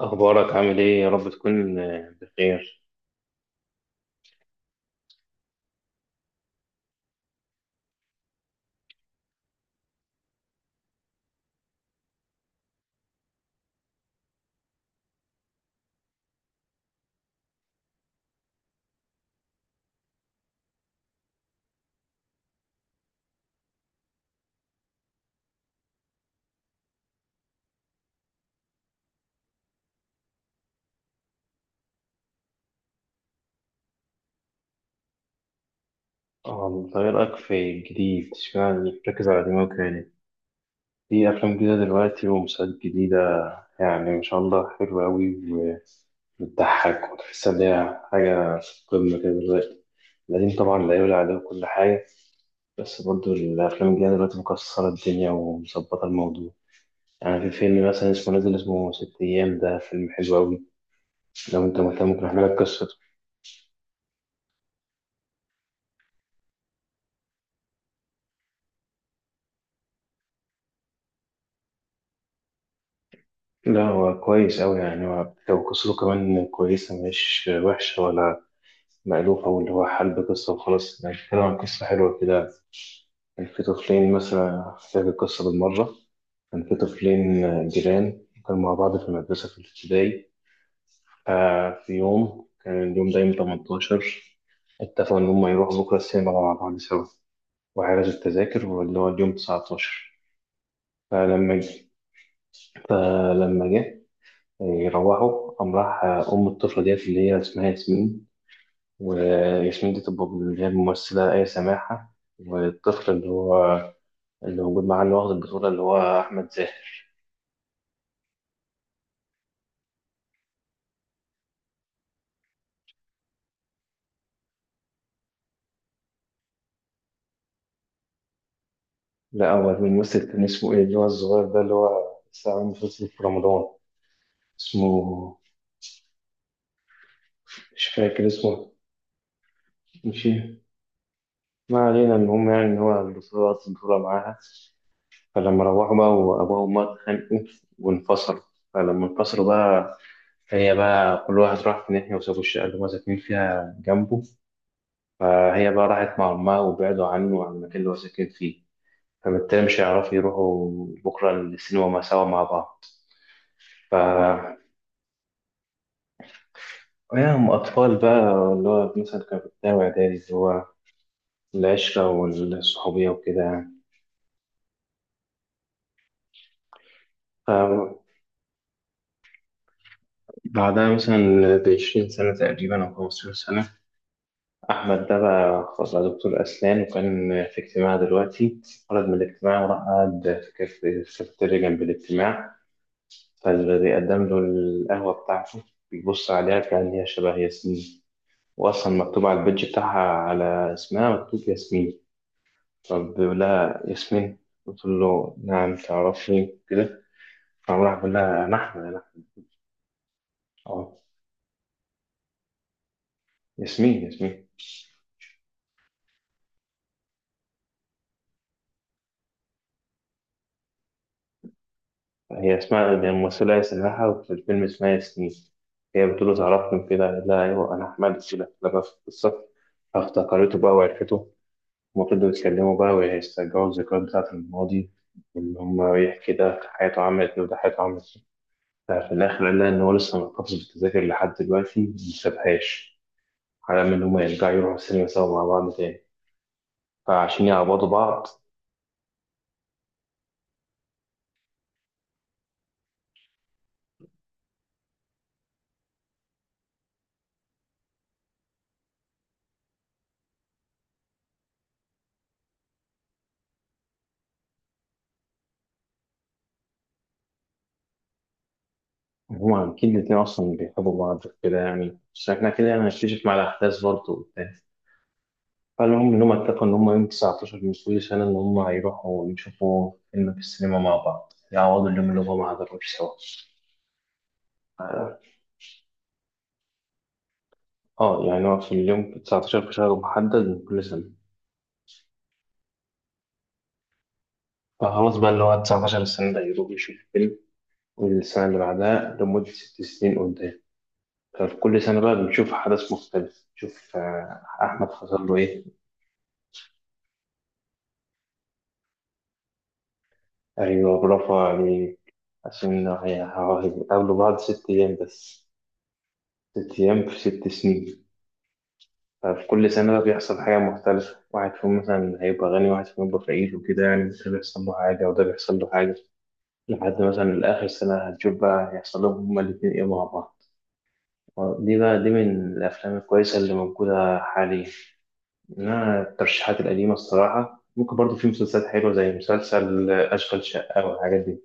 أخبارك عامل إيه؟ يا رب تكون بخير. أنت إيه رأيك في الجديد؟ اشمعنى بتركز على الأنمي والكوري؟ في أفلام جديدة دلوقتي ومسلسلات جديدة، يعني ما شاء الله حلوة أوي وبتضحك وتحس إن هي حاجة في قمة كده دلوقتي. القديم طبعا لا يعلى عليه كل حاجة، بس برضه الأفلام الجديدة دلوقتي مكسرة الدنيا ومظبطة الموضوع. يعني في فيلم مثلا اسمه نازل، اسمه ست أيام، ده فيلم حلو أوي. لو أنت مهتم ممكن أحكي لك قصته. لا هو كويس أوي، يعني هو لو قصته كمان كويسة مش وحشة ولا مألوفة، واللي هو حلب قصة وخلاص، يعني بيتكلم عن قصة حلوة كده. كان في طفلين، مثلا أحكي لك القصة بالمرة. كان في طفلين جيران، كانوا مع بعض في المدرسة في الابتدائي. في يوم كان اليوم ده يوم 18، اتفقوا إن هما يروحوا بكرة السينما مع بعض سوا، وحجزوا التذاكر، واللي هو اليوم 19. فلما جه فلما جه يروحوا، قام راح أم الطفلة ديت اللي هي اسمها ياسمين. وياسمين دي تبقى اللي هي الممثلة آية سماحة. والطفل اللي هو اللي موجود معاه اللي واخد البطولة اللي هو أحمد زاهر. لا هو الممثل كان اسمه إيه اللي هو الصغير ده اللي هو لسه عامل مسلسل في رمضان. اسمه مش فاكر اسمه. ماشي، ما علينا. المهم يعني إن هو البطولة، واخد البطولة معاها. فلما روحوا بقى، وأبوه وأمه اتخانقوا وانفصلوا. فلما انفصلوا بقى، هي بقى كل واحد راح في ناحية، وسابوا الشقة اللي هما ساكنين فيها جنبه. فهي بقى راحت مع أمها وبعدوا عنه وعن المكان اللي هو ساكن فيه. فبالتالي مش هيعرفوا يروحوا بكرة السينما سوا مع بعض. ف هم أطفال بقى، اللي هو مثلا كانوا في ابتدائي وإعدادي، اللي هو العشرة والصحوبية وكده يعني. فبعدها مثلا بعشرين سنة تقريبا أو خمستاشر سنة، أحمد ده بقى خلاص بقى دكتور أسنان، وكان في اجتماع دلوقتي. خرج من الاجتماع وراح قعد في في الكافيتيريا جنب الاجتماع. فبيقدم له القهوة بتاعته، بيبص عليها كأن هي شبه ياسمين، وأصلا مكتوب على البيدج بتاعها على اسمها مكتوب ياسمين. فبيقول لها ياسمين، قلت له نعم تعرفني كده. فراح بيقول لها أنا أحمد أنا أحمد. أه، ياسمين ياسمين. هي اسمها يعني الممثلة هي سماحة، وفي الفيلم اسمها ياسمين. هي بتقول له تعرفني كده، قال لها أيوه أنا أحمد كده لما في القصة. فافتكرته بقى وعرفته. هما فضلوا يتكلموا بقى ويسترجعوا الذكريات بتاعة الماضي، وإن هما يحكي ده حياته عملت إيه وده حياته عملت إيه. ففي الآخر قال لها إن هو لسه محتفظ بالتذاكر لحد دلوقتي مسابهاش، على أمل إن هما يرجعوا يروحوا السينما سوا مع بعض تاني، فعشان يعوضوا بعض. هما أكيد الاتنين أصلا بيحبوا بعض كده يعني، بس إحنا كده يعني هنكتشف مع الأحداث برضه وبتاع. فالمهم إن هما اتفقوا إن هما يوم 19 من كل سنة إن هما هيروحوا يشوفوا فيلم في السينما مع بعض، يعوضوا اليوم اللي هما ما حضروش سوا. اه يعني هو في اليوم 19 في شهر محدد من كل سنة. فخلاص بقى اللي هو 19 السنة ده يروح يشوف فيلم، والسنة اللي بعدها، لمدة ست سنين قدام. ففي كل سنة بقى بنشوف حدث مختلف، نشوف أحمد حصل له إيه. أيوة برافو عليه. عشان هو هيقابلوا بعض ست أيام بس، ست أيام في ست سنين. ففي كل سنة بقى بيحصل حاجة مختلفة، واحد فيهم مثلا هيبقى غني، واحد فيهم هيبقى فقير، وكده يعني، ده بيحصل له حاجة وده بيحصل له حاجة. لحد مثلا آخر سنة هتشوف بقى هيحصل لهم هما الاتنين إيه مع بعض. دي بقى، دي من الأفلام الكويسة اللي موجودة حاليا. إنما الترشيحات القديمة الصراحة، ممكن برضو في مسلسلات حلوة زي مسلسل أشغال شقة والحاجات دي.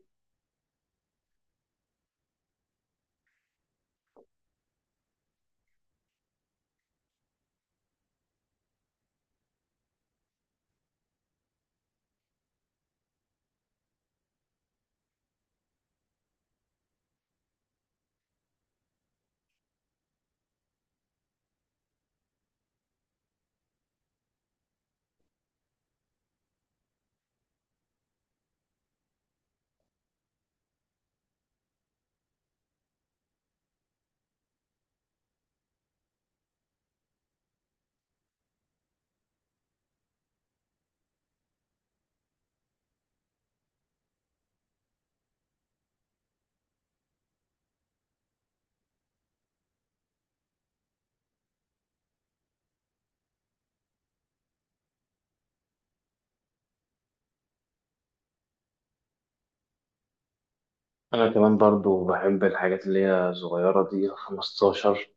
أنا كمان برضو بحب الحاجات اللي هي صغيرة دي 15،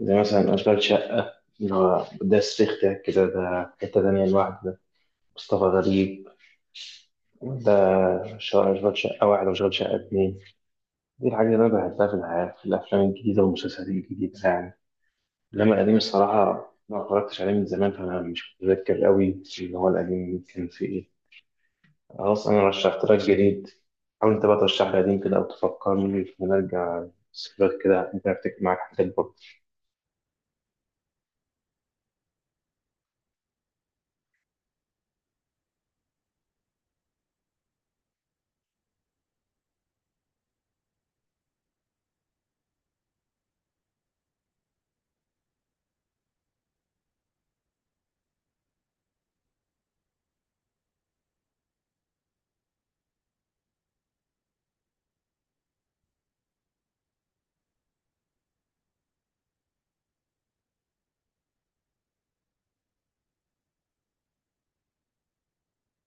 زي مثلا أشغال شقة. اللي هو ده صريخ ده كده، ده حتة تانية لوحده ده، مصطفى غريب. ده شغال شقة واحد وشغال شقة اتنين. دي الحاجة اللي أنا بحبها في الحياة، في الأفلام الجديدة والمسلسلات الجديدة يعني. إنما القديم الصراحة ما اتفرجتش عليه من زمان، فأنا مش متذكر قوي اللي هو القديم كان فيه إيه. خلاص، أنا رشحت لك جديد، حاول أنت بقى ترشح لي قديم كده أو تفكرني، ونرجع ذكريات كده، ممكن أفتكر معاك حاجات برضه.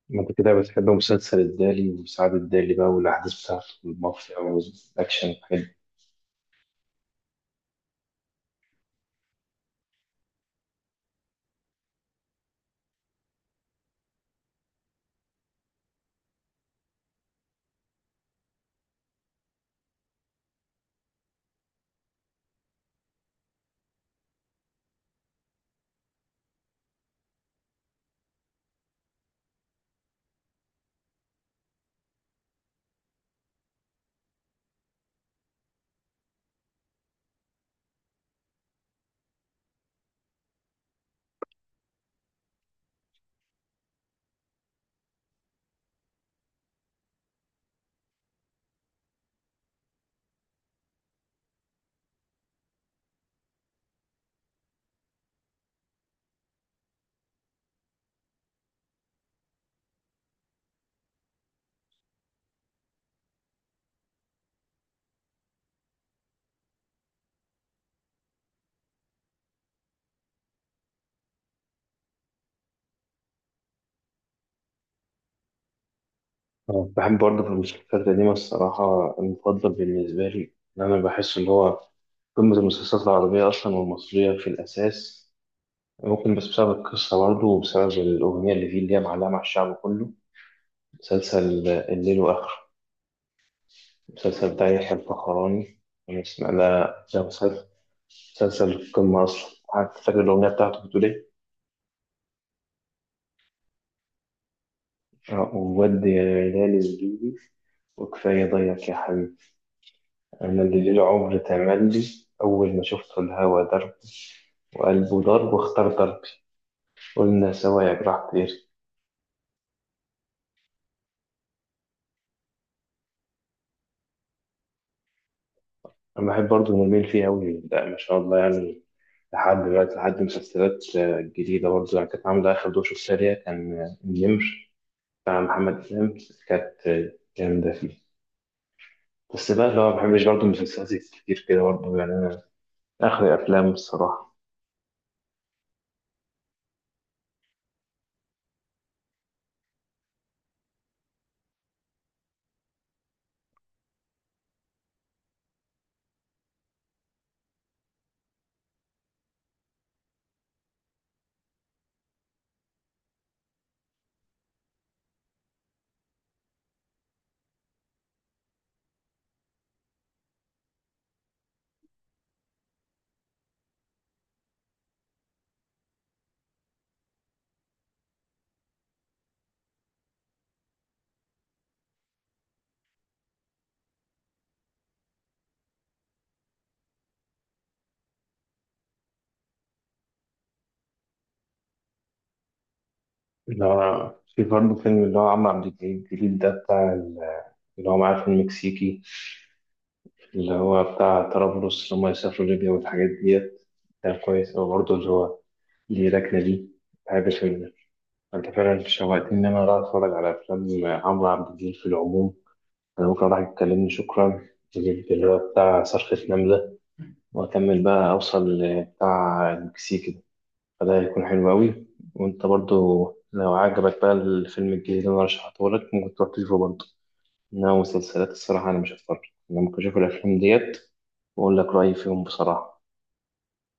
ما أنت كده بتحب مسلسل الدالي وسعد الدالي بقى، والأحداث بتاعته والمافيا والأكشن والحاجات. بحب برضه في المسلسلات القديمة الصراحة. المفضل بالنسبة لي، إن أنا بحس إن هو قمة المسلسلات العربية أصلا والمصرية في الأساس، ممكن بس بسبب القصة برضه وبسبب الأغنية اللي فيه اللي هي معلقة مع الشعب كله، مسلسل الليل وآخره، المسلسل بتاع يحيى الفخراني. أنا اسمع ده. ده مسلسل، مسلسل القمة أصلا. حتى فاكر الأغنية بتاعته بتقول إيه؟ وودي يا هلال الليلي، وكفاية ضيق يا حبيبي، أنا اللي ليل عمر تملي، أول ما شفت الهوا ده، وقلبه ضرب واختار ضربي، قلنا سوا يا جراح طير. أنا بحب برضه نميل فيه أوي، لا ما شاء الله يعني. لحد دلوقتي لحد مسلسلات جديدة برضه يعني، كانت عاملة آخر دوشة. السريع كان النمر بتاع محمد إمام، كانت جامدة فيه. بس بقى اللي هو ما بحبش برضه المسلسلات كتير كده برضه يعني، أنا آخر أفلام الصراحة. اللي هو في برضه فيلم اللي هو عمرو عبد الجليل الجديد ده بتاع اللي هو معاه في المكسيكي، اللي هو بتاع طرابلس، اللي هم يسافروا ليبيا والحاجات ديت. كان كويس أوي برضه، اللي هو ليه ركنة دي، بحب الفيلم ده. أنت فعلا شوقتني إن أنا أروح أتفرج على أفلام عمرو عبد الجليل في العموم. أنا ممكن أروح أتكلمني شكرا، أجيب اللي هو بتاع صرخة نملة، وأكمل بقى أوصل لبتاع المكسيك ده، فده هيكون حلو أوي. وأنت برضه لو عجبك بقى الفيلم الجديد اللي أنا رشحته لك، ممكن تروح تشوفه برضه. إنما مسلسلات الصراحة أنا مش هتفرج، أنا ممكن أشوف الأفلام ديت، وأقول لك رأيي فيهم بصراحة.